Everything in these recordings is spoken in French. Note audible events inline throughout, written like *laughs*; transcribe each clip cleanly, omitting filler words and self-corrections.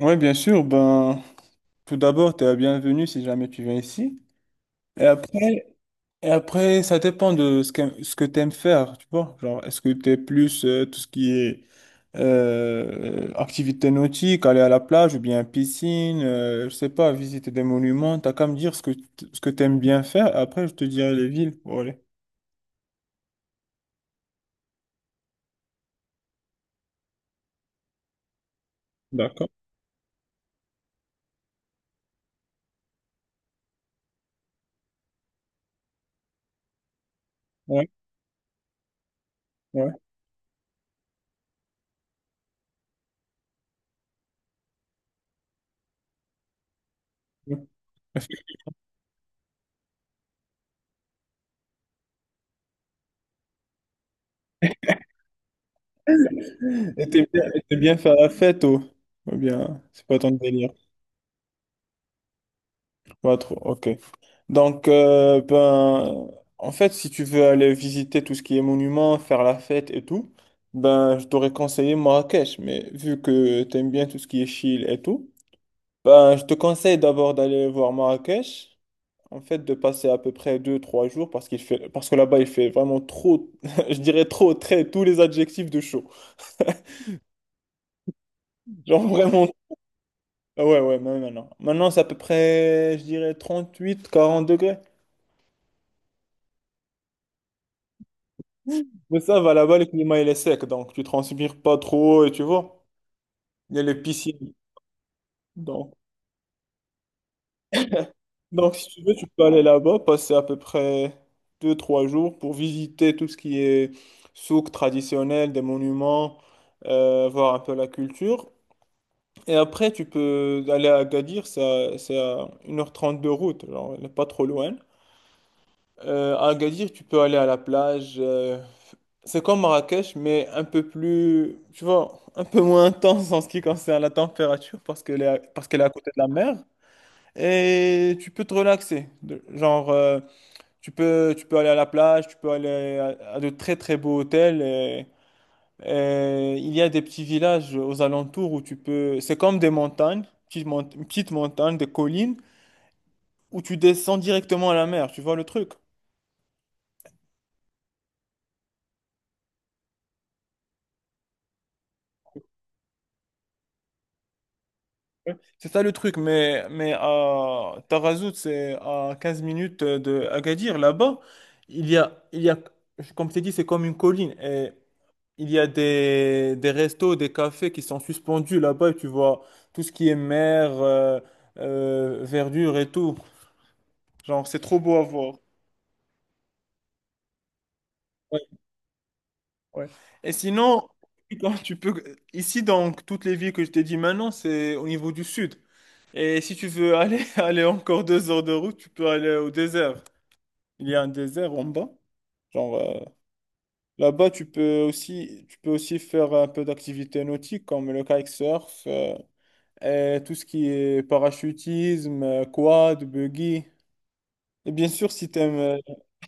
Oui, bien sûr. Ben, tout d'abord, tu es la bienvenue si jamais tu viens ici. Et après, et après ça dépend de ce que tu aimes faire, tu vois. Genre, est-ce que tu es plus tout ce qui est activité nautique, aller à la plage ou bien piscine, je sais pas, visiter des monuments. T'as qu'à me dire ce que, ce que tu aimes bien faire. Après, je te dirai les villes. Bon, allez. D'accord. Ouais, ouais. ouais. *laughs* Et t'aimes bien faire la fête, ou bien, c'est pas ton délire. Pas trop, ok. Donc, ben, en fait, si tu veux aller visiter tout ce qui est monument, faire la fête et tout, ben, je t'aurais conseillé Marrakech. Mais vu que t'aimes bien tout ce qui est chill et tout, ben, je te conseille d'abord d'aller voir Marrakech. En fait, de passer à peu près 2-3 jours parce qu'il fait, parce que là-bas, il fait vraiment trop, *laughs* je dirais trop, très, tous les adjectifs de chaud. Genre vraiment, ah ouais, ouais, mais maintenant. Maintenant, c'est à peu près, je dirais 38-40 degrés. Mais ça va là-bas, le climat il est sec, donc tu transpires pas trop, et tu vois, il y a les piscines. Donc, donc, si tu veux, tu peux aller là-bas, passer à peu près 2-3 jours pour visiter tout ce qui est souk traditionnel, des monuments, voir un peu la culture. Et après, tu peux aller à Agadir, c'est c'est à 1h30 de route, genre, elle n'est pas trop loin. À Agadir, tu peux aller à la plage. C'est comme Marrakech, mais un peu plus, tu vois, un peu moins intense en ce qui concerne la température parce qu'elle est à côté de la mer. Et tu peux te relaxer. Genre, tu peux aller à la plage, tu peux aller à de très très beaux hôtels. Et il y a des petits villages aux alentours où tu peux. C'est comme des montagnes, une petite montagne, des collines, où tu descends directement à la mer. Tu vois le truc? C'est ça le truc, mais à Tarazout, c'est à 15 minutes de Agadir. Là-bas, il y a, comme t'ai dit, c'est comme une colline. Et il y a des restos, des cafés qui sont suspendus là-bas. Et tu vois tout ce qui est mer, verdure et tout. Genre, c'est trop beau à voir. Ouais, ouais. Et sinon, *laughs* quand tu peux, ici, donc, toutes les villes que je t'ai dit maintenant, c'est au niveau du sud. Et si tu veux aller, *laughs* aller encore 2 heures de route, tu peux aller au désert. Il y a un désert en bas. Genre, là-bas, tu peux aussi faire un peu d'activités nautiques comme le kitesurf et tout ce qui est parachutisme, quad, buggy. Et bien sûr, si t'aimes,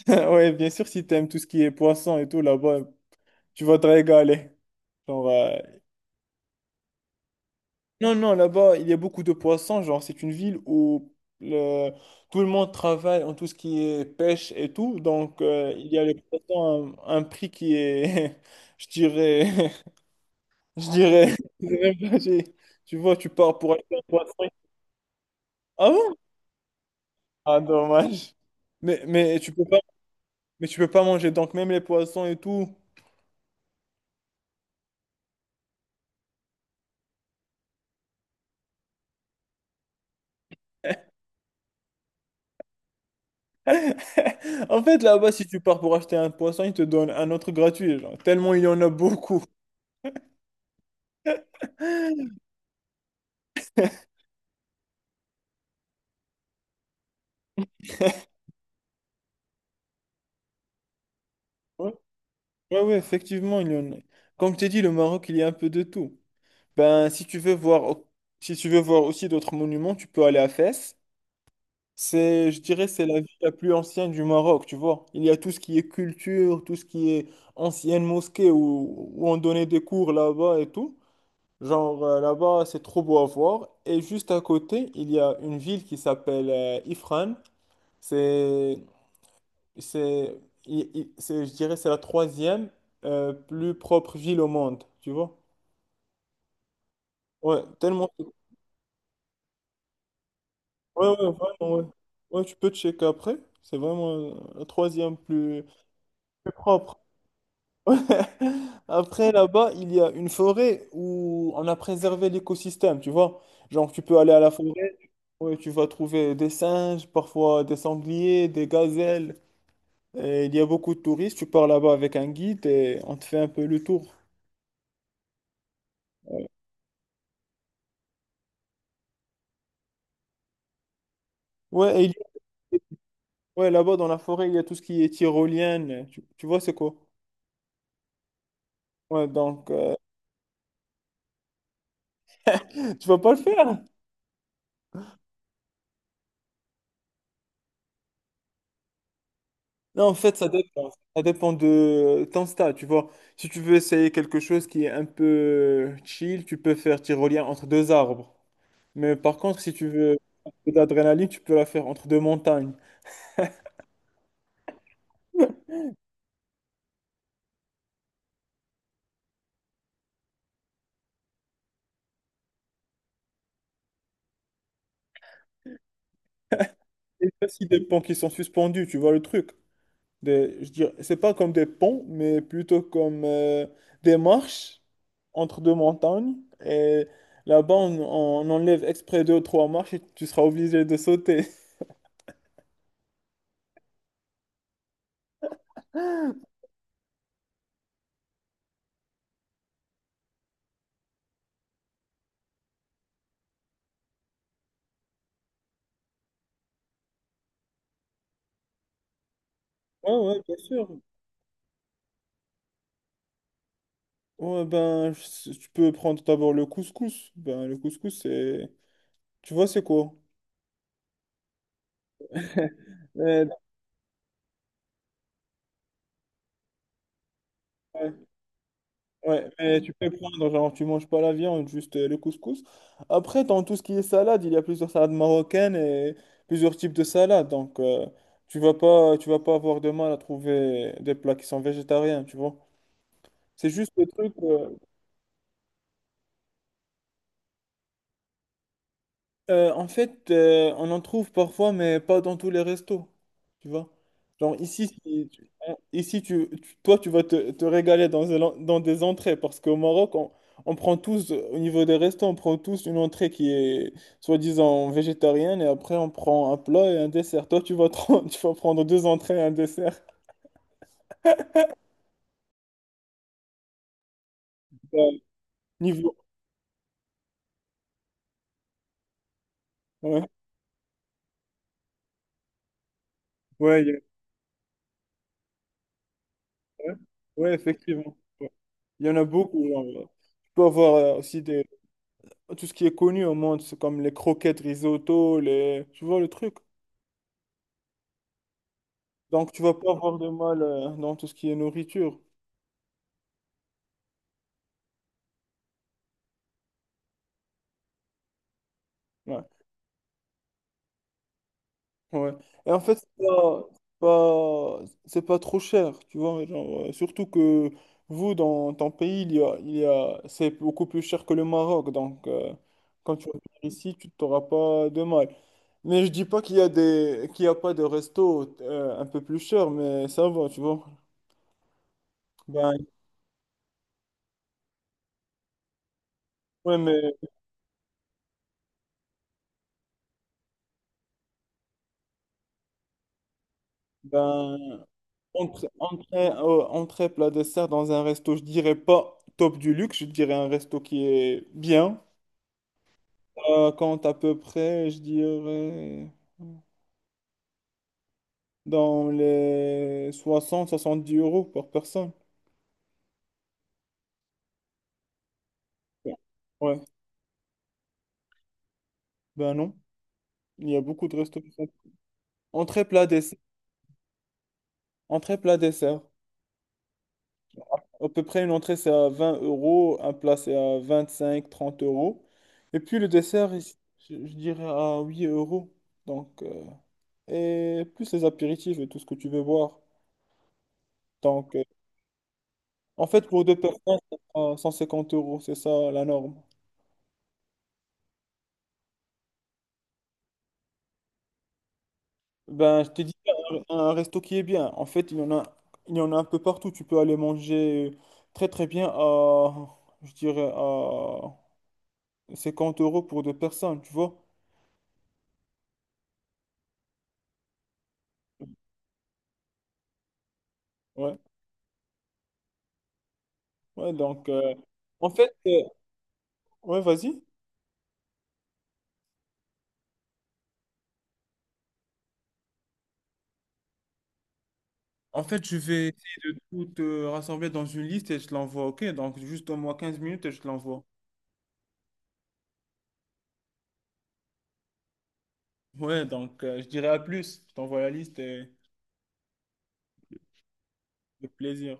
*laughs* ouais, bien sûr, si t'aimes tout ce qui est poisson et tout, là-bas, tu vas te régaler. Genre, non, non, là-bas, il y a beaucoup de poissons. Genre, c'est une ville où le- tout le monde travaille en tout ce qui est pêche et tout. Donc, il y a les poissons à un prix qui est, *laughs* je dirais, *laughs* je dirais, *laughs* je dirais pas, tu vois, tu pars pour acheter un poisson. Ah bon? Ah, dommage. Mais, mais tu peux pas manger donc même les poissons et tout. *laughs* En fait, là-bas, si tu pars pour acheter un poisson, ils te donnent un autre gratuit, genre, tellement il y en a beaucoup. Ouais, ouais, effectivement, il y en a. Comme tu dit, le Maroc, il y a un peu de tout. Ben, si tu veux voir, si tu veux voir aussi d'autres monuments, tu peux aller à Fès. C'est, je dirais, c'est la ville la plus ancienne du Maroc, tu vois. Il y a tout ce qui est culture, tout ce qui est ancienne mosquée où on donnait des cours là-bas et tout. Genre, là-bas, c'est trop beau à voir. Et juste à côté, il y a une ville qui s'appelle Ifrane. C'est c'est, il- c'est- Je dirais, c'est la troisième plus propre ville au monde, tu vois? Ouais, tellement. Ouais, ouais, vraiment, ouais. Ouais, tu peux checker après. C'est vraiment la troisième plus, plus propre. *laughs* Ouais. Après, là-bas, il y a une forêt où on a préservé l'écosystème, tu vois? Genre, tu peux aller à la forêt, ouais, tu vas trouver des singes, parfois des sangliers, des gazelles. Et il y a beaucoup de touristes, tu pars là-bas avec un guide et on te fait un peu le tour. Ouais, et il y a ouais, là-bas dans la forêt, il y a tout ce qui est tyrolienne. Tu vois, c'est quoi? Ouais, donc, *laughs* tu vas pas le faire. Non, en fait, ça dépend. Ça dépend de ton stade, tu vois. Si tu veux essayer quelque chose qui est un peu chill, tu peux faire tyrolien entre deux arbres. Mais par contre, si tu veux un peu d'adrénaline, tu peux la faire entre deux montagnes. Et ça, si des ponts qui sont suspendus, tu vois le truc. Je dirais, c'est pas comme des ponts, mais plutôt comme des marches entre deux montagnes. Et là-bas, on enlève exprès deux ou trois marches et tu seras obligé de sauter. *laughs* Ouais, ouais, bien sûr. Ouais, ben, tu peux prendre d'abord le couscous. Ben, le couscous, c'est... Tu vois, c'est quoi? *laughs* Euh, ouais, mais tu peux prendre, genre, tu manges pas la viande, juste le couscous. Après, dans tout ce qui est salade, il y a plusieurs salades marocaines et plusieurs types de salades. Donc, tu vas pas avoir de mal à trouver des plats qui sont végétariens, tu vois. C'est juste le truc. En fait, on en trouve parfois, mais pas dans tous les restos, tu vois. Genre ici, si tu- on- ici toi, te régaler dans, dans des entrées, parce qu'au Maroc, on prend tous, au niveau des restos, on prend tous une entrée qui est soi-disant végétarienne, et après on prend un plat et un dessert. Toi, *laughs* tu vas prendre deux entrées et un dessert. Euh, niveau. Ouais, ouais, il y ouais, ouais, effectivement. Ouais. Il y en a beaucoup. Genre, tu peux avoir aussi des... tout ce qui est connu au monde, c'est comme les croquettes risotto, les... tu vois le truc. Donc tu vas pas avoir de mal dans tout ce qui est nourriture. Ouais, ouais. Et en fait, c'est pas trop cher, tu vois. Genre, surtout que vous, dans ton pays, il y a, c'est beaucoup plus cher que le Maroc. Donc quand tu vas venir ici, tu t'auras pas de mal. Mais je dis pas qu'il y a des, qu'il y a pas de resto un peu plus cher, mais ça va, tu vois. Ben, ouais, mais ben, Entrée, entrée, plat, dessert dans un resto, je dirais pas top du luxe, je dirais un resto qui est bien. Compte à peu près, je dirais dans les 60-70 euros par personne. Ouais, ouais. Ben non, il y a beaucoup de restos qui font- entrée, plat, dessert. Entrée, plat, dessert. À peu près, une entrée, c'est à 20 euros, un plat, c'est à 25-30 euros. Et puis le dessert, je dirais à 8 euros. Donc, et plus les apéritifs et tout ce que tu veux boire. Donc, en fait, pour deux personnes, ça prend 150 euros, c'est ça la norme. Ben, je t'ai dit un resto qui est bien. En fait, il y en a un peu partout. Tu peux aller manger très très bien à, je dirais, à 50 euros pour deux personnes, tu vois. Ouais, ouais, donc, en fait, ouais, vas-y. En fait, je vais essayer de tout rassembler dans une liste et je te l'envoie, ok? Donc, juste au moins 15 minutes et je te l'envoie. Ouais, donc je dirais à plus. Je t'envoie la liste et avec plaisir.